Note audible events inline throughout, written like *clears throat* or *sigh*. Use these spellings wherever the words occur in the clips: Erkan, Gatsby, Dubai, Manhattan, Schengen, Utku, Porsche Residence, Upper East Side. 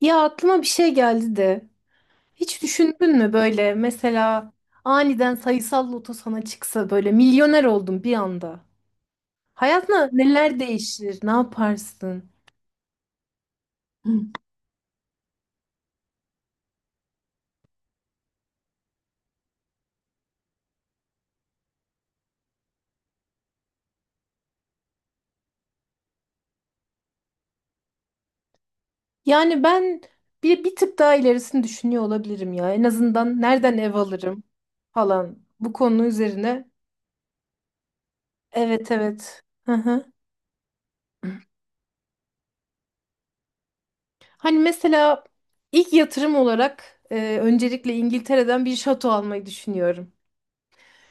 Ya aklıma bir şey geldi de. Hiç düşündün mü böyle mesela aniden sayısal loto sana çıksa böyle milyoner oldun bir anda. Hayatına neler değişir? Ne yaparsın? Hı. Yani ben bir tık daha ilerisini düşünüyor olabilirim ya. En azından nereden ev alırım falan bu konu üzerine. Evet, evet. Hı hı. Hani mesela ilk yatırım olarak öncelikle İngiltere'den bir şato almayı düşünüyorum.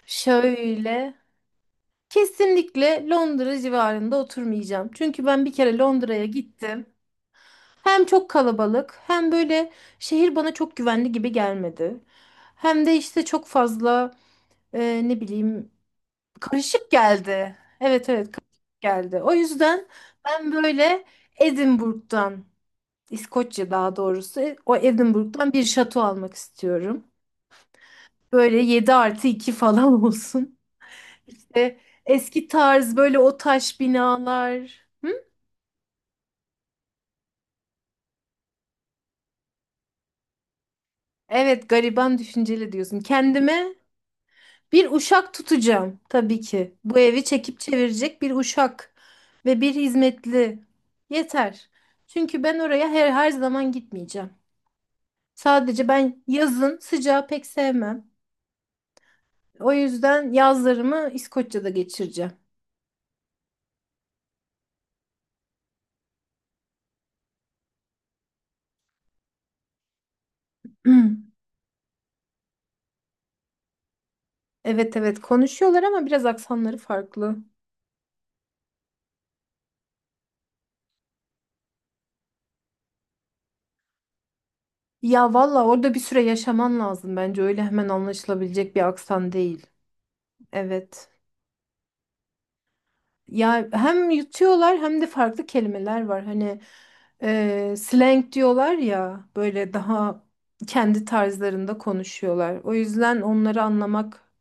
Şöyle. Kesinlikle Londra civarında oturmayacağım. Çünkü ben bir kere Londra'ya gittim. Hem çok kalabalık, hem böyle şehir bana çok güvenli gibi gelmedi. Hem de işte çok fazla ne bileyim karışık geldi. Evet, evet, karışık geldi. O yüzden ben böyle Edinburgh'dan, İskoçya daha doğrusu o Edinburgh'dan bir şato almak istiyorum. Böyle 7 artı 2 falan *laughs* olsun. E, eski tarz böyle o taş binalar. Hı? Evet, gariban düşünceli diyorsun. Kendime bir uşak tutacağım tabii ki. Bu evi çekip çevirecek bir uşak ve bir hizmetli. Yeter. Çünkü ben oraya her zaman gitmeyeceğim. Sadece ben yazın sıcağı pek sevmem. O yüzden yazlarımı İskoçya'da geçireceğim. *clears throat* Evet, evet, konuşuyorlar ama biraz aksanları farklı. Ya valla orada bir süre yaşaman lazım bence. Öyle hemen anlaşılabilecek bir aksan değil. Evet. Ya hem yutuyorlar hem de farklı kelimeler var. Hani slang diyorlar ya, böyle daha kendi tarzlarında konuşuyorlar. O yüzden onları anlamak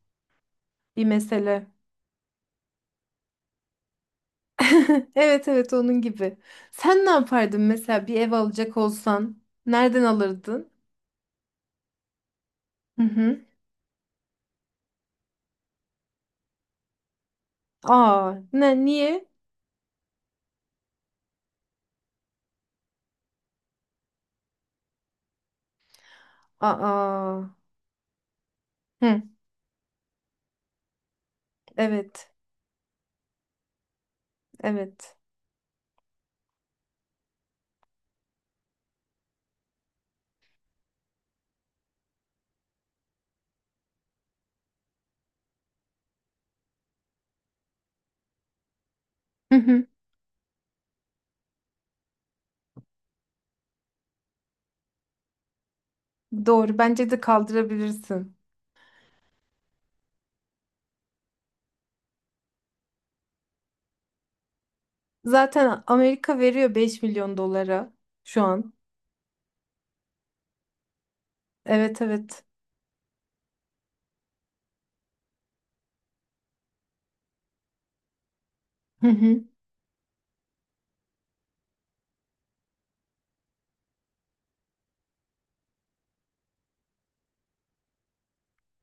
bir mesele. *laughs* Evet, evet, onun gibi. Sen ne yapardın mesela, bir ev alacak olsan? Nereden alırdın? Hı hı. Aa, ne niye? Aa. Hı, evet. Evet. Hı hı. Doğru. Bence de kaldırabilirsin. Zaten Amerika veriyor 5 milyon dolara şu an. Evet, evet. Hı hı.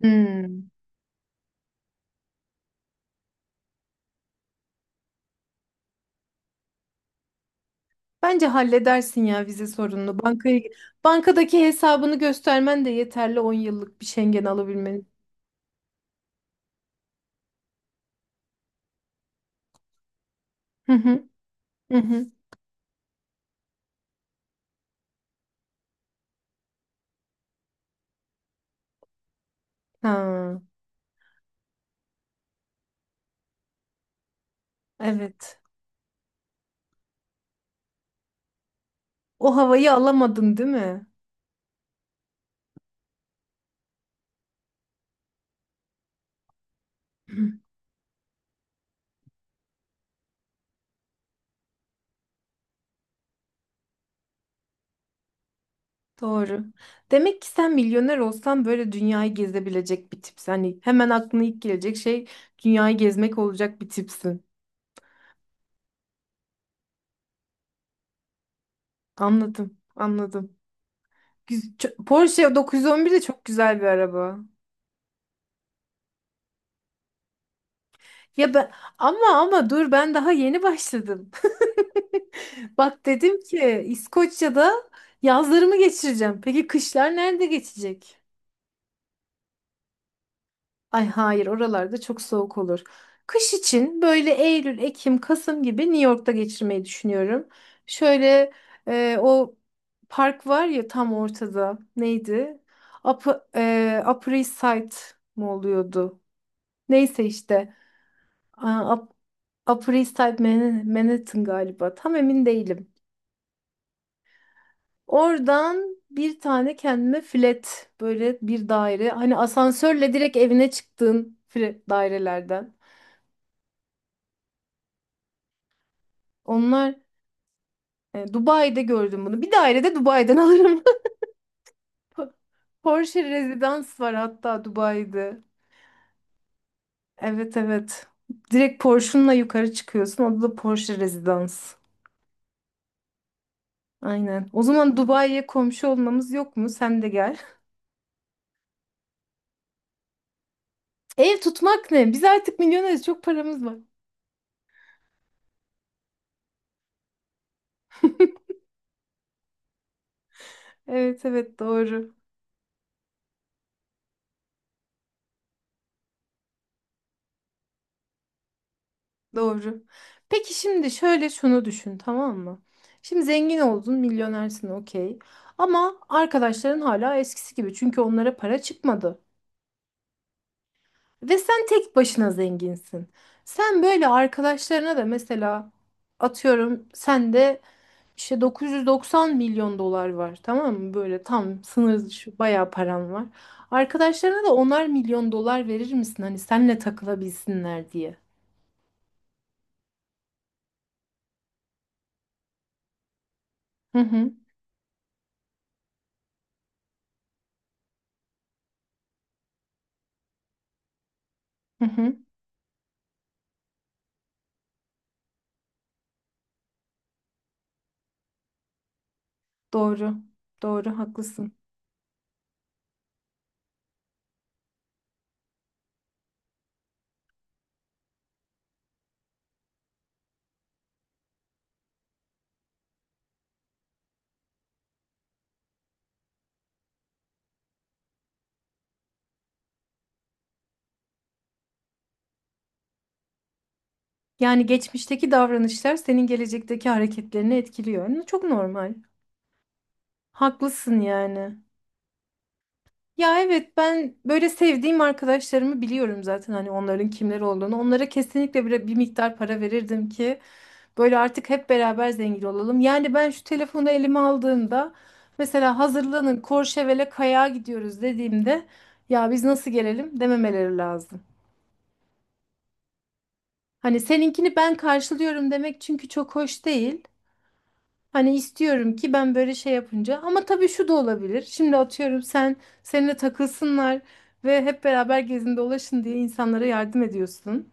Hmm. Bence halledersin ya vize sorununu. Bankadaki hesabını göstermen de yeterli 10 yıllık bir Schengen alabilmen. Hı hı. Hı hı. Ha, evet. O havayı alamadın değil mi? Hı. Doğru. Demek ki sen milyoner olsan böyle dünyayı gezebilecek bir tipsin. Hani hemen aklına ilk gelecek şey dünyayı gezmek olacak bir tipsin. Anladım, anladım. Porsche 911 de çok güzel bir araba. Ya ben, ama dur, ben daha yeni başladım. *laughs* Bak dedim ki İskoçya'da yazlarımı geçireceğim. Peki kışlar nerede geçecek? Ay, hayır, oralarda çok soğuk olur. Kış için böyle Eylül, Ekim, Kasım gibi New York'ta geçirmeyi düşünüyorum. Şöyle o park var ya tam ortada. Neydi? Upper East Side mı oluyordu? Neyse işte a- Up- Upper East Side Manhattan galiba, tam emin değilim. Oradan bir tane kendime flat, böyle bir daire, hani asansörle direkt evine çıktığın flat dairelerden. Onlar Dubai'de gördüm bunu. Bir daire de Dubai'den *laughs* alırım. Po- Porsche Residence var hatta Dubai'de. Evet, evet. Direkt Porsche'unla yukarı çıkıyorsun. O da Porsche Residence. Aynen. O zaman Dubai'ye komşu olmamız yok mu? Sen de gel. Ev tutmak ne? Biz artık milyoneriz. Çok paramız var. Evet, evet, doğru. Doğru. Peki şimdi şöyle şunu düşün, tamam mı? Şimdi zengin oldun, milyonersin, okey. Ama arkadaşların hala eskisi gibi. Çünkü onlara para çıkmadı. Ve sen tek başına zenginsin. Sen böyle arkadaşlarına da mesela atıyorum sen de İşte 990 milyon dolar var, tamam mı? Böyle tam sınır dışı bayağı param var. Arkadaşlarına da 10'ar milyon dolar verir misin? Hani senle takılabilsinler diye. Hı hı hı hı. Doğru. Doğru, haklısın. Yani geçmişteki davranışlar senin gelecekteki hareketlerini etkiliyor. Çok normal. Haklısın yani. Ya evet, ben böyle sevdiğim arkadaşlarımı biliyorum zaten, hani onların kimler olduğunu. Onlara kesinlikle bir miktar para verirdim ki böyle artık hep beraber zengin olalım. Yani ben şu telefonu elime aldığımda mesela hazırlanın Courchevel'e kayağa gidiyoruz dediğimde, ya biz nasıl gelelim, dememeleri lazım. Hani seninkini ben karşılıyorum demek çünkü çok hoş değil. Hani istiyorum ki ben böyle şey yapınca, ama tabii şu da olabilir. Şimdi atıyorum, seninle takılsınlar ve hep beraber gezin dolaşın diye insanlara yardım ediyorsun.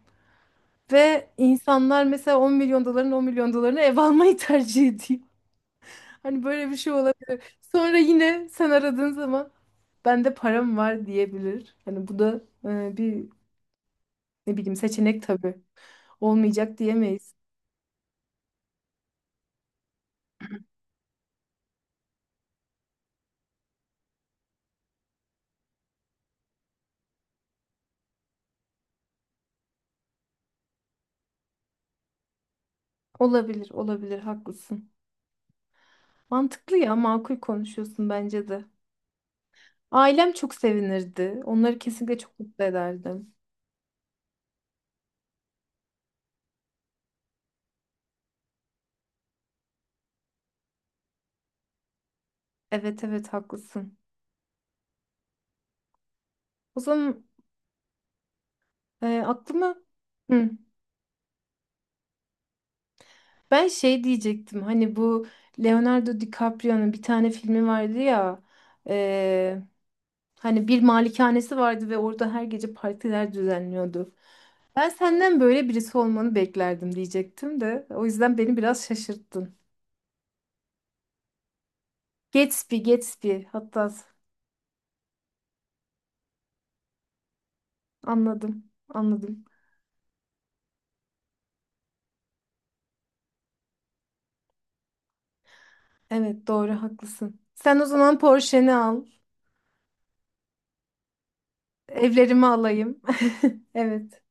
Ve insanlar mesela 10 milyon doların 10 milyon dolarını ev almayı tercih ediyor. Hani böyle bir şey olabilir. Sonra yine sen aradığın zaman, bende param var diyebilir. Hani bu da bir, ne bileyim, seçenek tabii. Olmayacak diyemeyiz. Olabilir, olabilir, haklısın. Mantıklı ya, makul konuşuyorsun bence de. Ailem çok sevinirdi. Onları kesinlikle çok mutlu ederdim. Evet, evet, haklısın. O zaman aklıma. Hı. Ben şey diyecektim. Hani bu Leonardo DiCaprio'nun bir tane filmi vardı ya. Hani bir malikanesi vardı ve orada her gece partiler düzenliyordu. Ben senden böyle birisi olmanı beklerdim diyecektim de. O yüzden beni biraz şaşırttın. Gatsby, Gatsby. Hatta anladım, anladım. Evet, doğru, haklısın. Sen o zaman Porsche'ni al. Evlerimi alayım. *laughs* Evet.